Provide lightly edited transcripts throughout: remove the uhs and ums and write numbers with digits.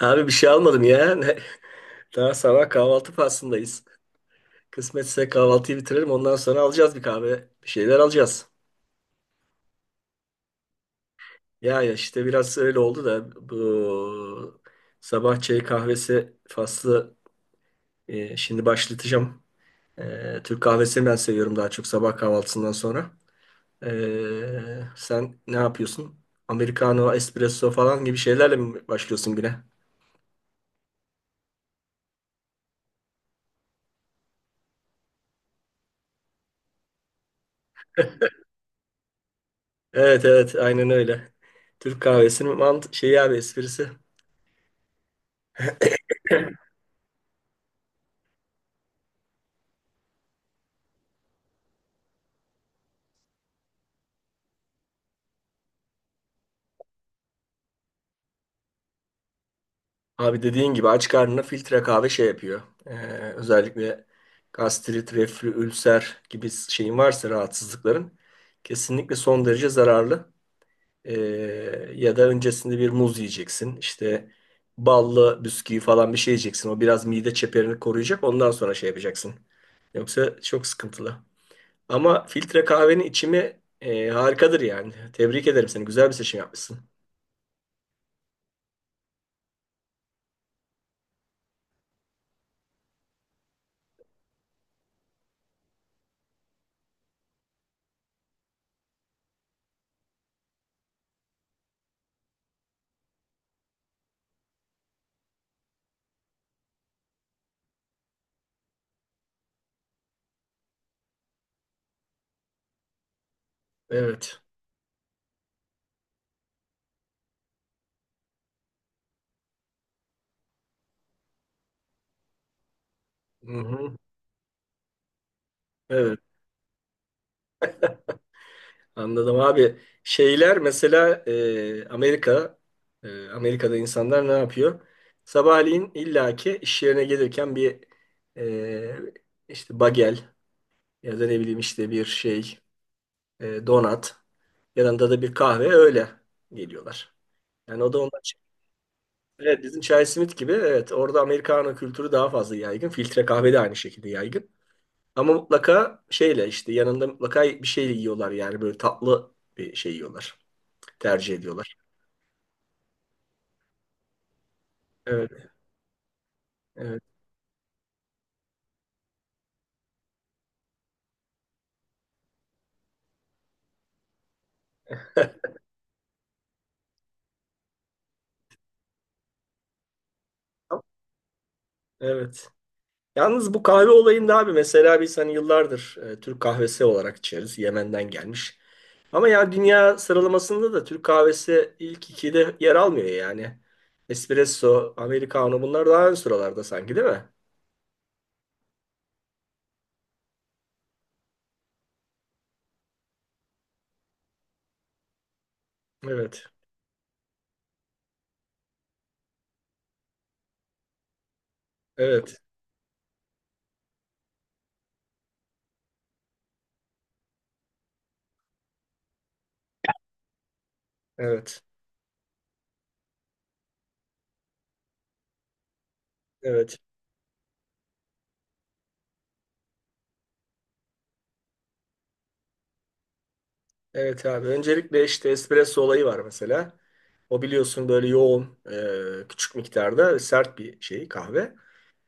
Abi bir şey almadım ya. Daha sabah kahvaltı faslındayız. Kısmetse kahvaltıyı bitirelim. Ondan sonra alacağız bir kahve. Bir şeyler alacağız. Ya işte biraz öyle oldu da bu sabah çay kahvesi faslı şimdi başlatacağım. E, Türk kahvesini ben seviyorum daha çok sabah kahvaltısından sonra. E, sen ne yapıyorsun? Americano, espresso falan gibi şeylerle mi başlıyorsun güne? Evet, aynen öyle. Türk kahvesinin mant şeyi abi esprisi. Abi dediğin gibi aç karnına filtre kahve şey yapıyor. Özellikle gastrit, reflü, ülser gibi şeyin varsa rahatsızlıkların kesinlikle son derece zararlı. Ee, Ya da öncesinde bir muz yiyeceksin. İşte ballı bisküvi falan bir şey yiyeceksin. O biraz mide çeperini koruyacak. Ondan sonra şey yapacaksın. Yoksa çok sıkıntılı. Ama filtre kahvenin içimi harikadır yani. Tebrik ederim seni. Güzel bir seçim yapmışsın. Evet. Hı hı. Evet. Anladım abi. Şeyler mesela Amerika Amerika'da insanlar ne yapıyor? Sabahleyin illaki iş yerine gelirken bir e, işte bagel ya da ne bileyim işte bir şey donat yanında da bir kahve öyle geliyorlar. Yani o da onlar evet bizim Chai Smith gibi, evet, orada Americano kültürü daha fazla yaygın. Filtre kahve de aynı şekilde yaygın. Ama mutlaka şeyle işte yanında mutlaka bir şey yiyorlar yani böyle tatlı bir şey yiyorlar. Tercih ediyorlar. Evet, evet. Evet. Yalnız bu kahve olayında abi mesela biz hani yıllardır Türk kahvesi olarak içeriz. Yemen'den gelmiş. Ama ya dünya sıralamasında da Türk kahvesi ilk ikide yer almıyor yani. Espresso, Americano bunlar daha ön sıralarda sanki değil mi? Evet. Evet. Evet. Evet. Evet abi. Öncelikle işte espresso olayı var mesela. O biliyorsun böyle yoğun, küçük miktarda sert bir şey kahve.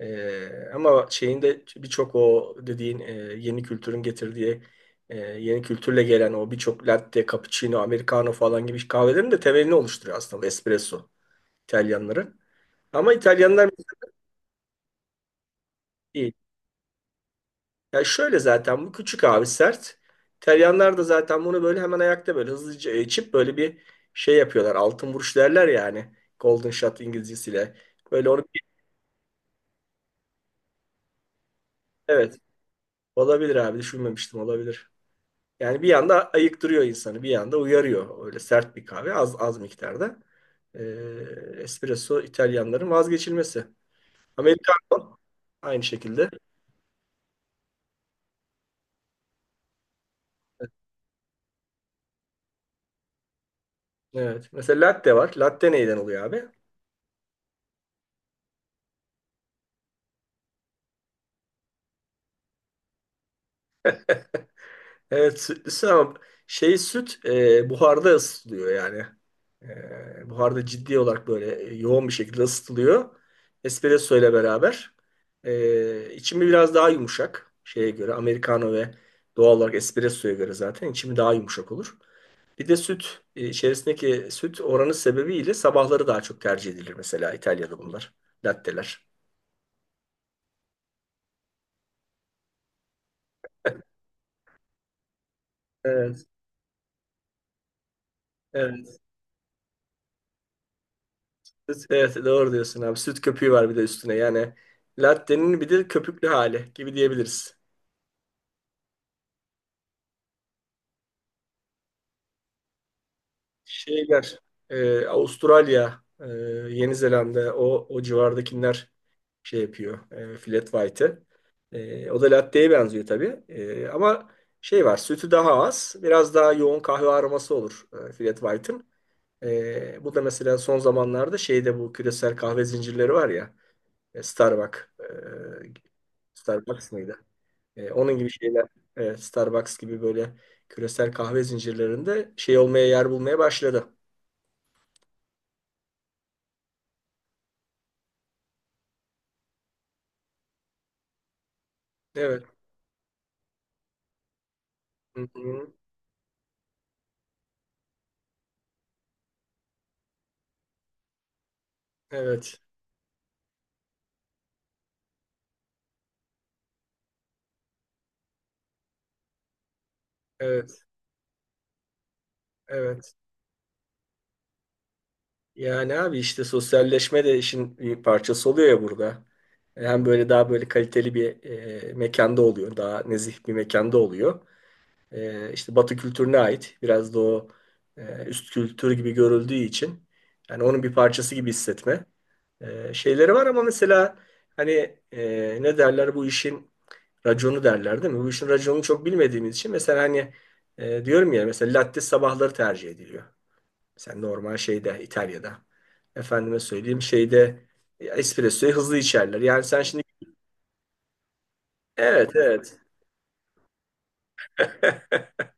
E, ama şeyinde birçok o dediğin yeni kültürün getirdiği yeni kültürle gelen o birçok latte, cappuccino, americano falan gibi kahvelerin de temelini oluşturuyor aslında bu espresso İtalyanların. Ama İtalyanlar ya şöyle zaten bu küçük abi sert. İtalyanlar da zaten bunu böyle hemen ayakta böyle hızlıca içip böyle bir şey yapıyorlar. Altın vuruş derler yani. Golden shot İngilizcesiyle. Böyle onu evet, olabilir abi, düşünmemiştim, olabilir. Yani bir yanda ayıktırıyor insanı bir yanda uyarıyor. Öyle sert bir kahve az az miktarda. Espresso İtalyanların vazgeçilmesi. Americano aynı şekilde. Evet. Mesela latte var. Latte neyden oluyor abi? Evet, sütlü ama şey süt buharda ısıtılıyor yani. E, buharda ciddi olarak böyle yoğun bir şekilde ısıtılıyor. Espresso ile beraber. E, içimi biraz daha yumuşak şeye göre. Americano ve doğal olarak espressoya göre zaten içimi daha yumuşak olur. Bir de süt içerisindeki süt oranı sebebiyle sabahları daha çok tercih edilir mesela İtalya'da bunlar. Latteler. Evet. Evet. Süt- evet, doğru diyorsun abi. Süt köpüğü var bir de üstüne. Yani latte'nin bir de köpüklü hali gibi diyebiliriz. Şeyler Avustralya, Yeni Zelanda o civardakiler şey yapıyor. E, flat white'ı. E, o da latte'ye benziyor tabii. E, ama şey var, sütü daha az. Biraz daha yoğun kahve aroması olur flat white'ın. E, bu da mesela son zamanlarda şeyde bu küresel kahve zincirleri var ya. E, Starbucks. E, Starbucks mıydı? E, onun gibi şeyler, e, Starbucks gibi böyle küresel kahve zincirlerinde şey olmaya yer bulmaya başladı. Evet. Hı hı. Evet. Evet. Evet. Yani abi işte sosyalleşme de işin bir parçası oluyor ya burada. Hem böyle daha böyle kaliteli bir mekanda oluyor. Daha nezih bir mekanda oluyor. E, işte Batı kültürüne ait. Biraz da o üst kültür gibi görüldüğü için yani onun bir parçası gibi hissetme şeyleri var ama mesela hani ne derler bu işin raconu derler değil mi? Bu işin raconunu çok bilmediğimiz için mesela hani diyorum ya mesela latte sabahları tercih ediliyor. Mesela normal şeyde İtalya'da efendime söyleyeyim şeyde espressoyu hızlı içerler. Yani sen şimdi evet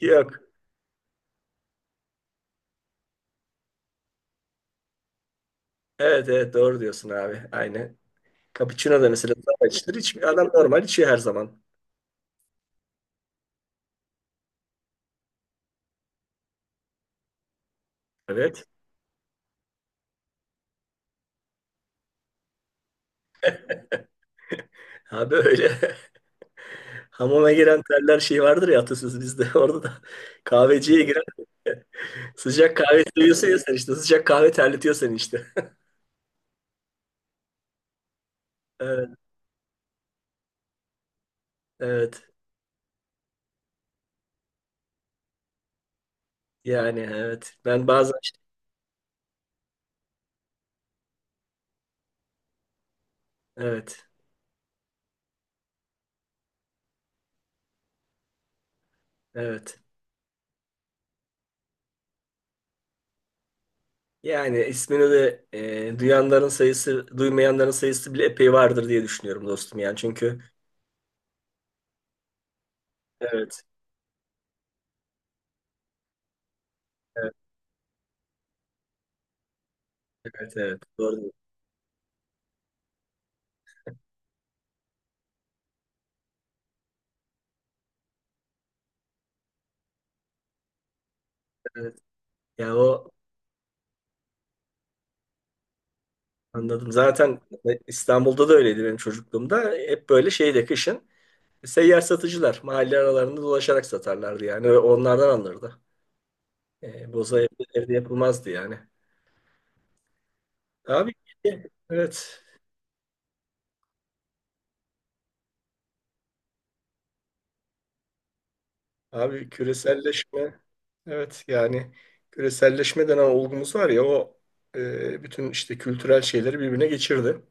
yok. Evet, doğru diyorsun abi. Aynen. Cappuccino da mesela zam içilir. Hiç, adam normal içiyor her zaman. Evet. Ha böyle. Hamama giren terler şey vardır ya atasözü bizde. Orada da kahveciye giren sıcak kahve seviyorsun ya sen işte. Sıcak kahve terletiyor seni işte. Evet, evet. Yani evet. Ben bazen evet, evet. Yani ismini de duyanların sayısı, duymayanların sayısı bile epey vardır diye düşünüyorum dostum yani. Çünkü evet, evet, evet, evet. Doğru. Evet. Ya o anladım. Zaten İstanbul'da da öyleydi benim çocukluğumda. Hep böyle şeyde kışın seyyar satıcılar mahalle aralarında dolaşarak satarlardı yani. Ve onlardan alınırdı. E, boza evde yapılmazdı yani. Abi evet. Abi küreselleşme evet yani küreselleşme denen olgumuz var ya o bütün işte kültürel şeyleri birbirine geçirdi.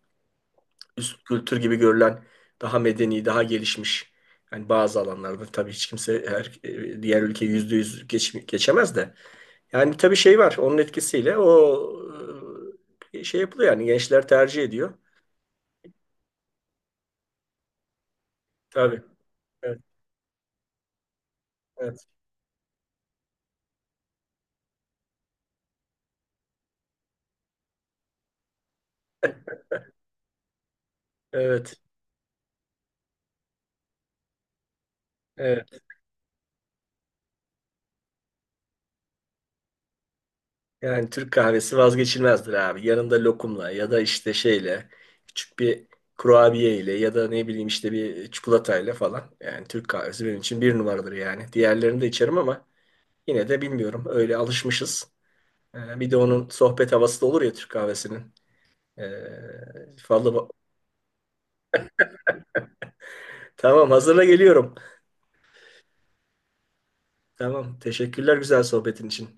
Üst kültür gibi görülen, daha medeni, daha gelişmiş. Yani bazı alanlarda tabii hiç kimse her, diğer ülke yüzde yüz geçemez de. Yani tabii şey var onun etkisiyle o şey yapılıyor yani gençler tercih ediyor. Tabii. Evet. Evet. Evet. Evet. Yani Türk kahvesi vazgeçilmezdir abi. Yanında lokumla ya da işte şeyle küçük bir kurabiye ya da ne bileyim işte bir çikolatayla falan. Yani Türk kahvesi benim için bir numaradır yani. Diğerlerini de içerim ama yine de bilmiyorum. Öyle alışmışız. Bir de onun sohbet havası da olur ya Türk kahvesinin. Fazla... Tamam, hazırla geliyorum. Tamam. Teşekkürler güzel sohbetin için.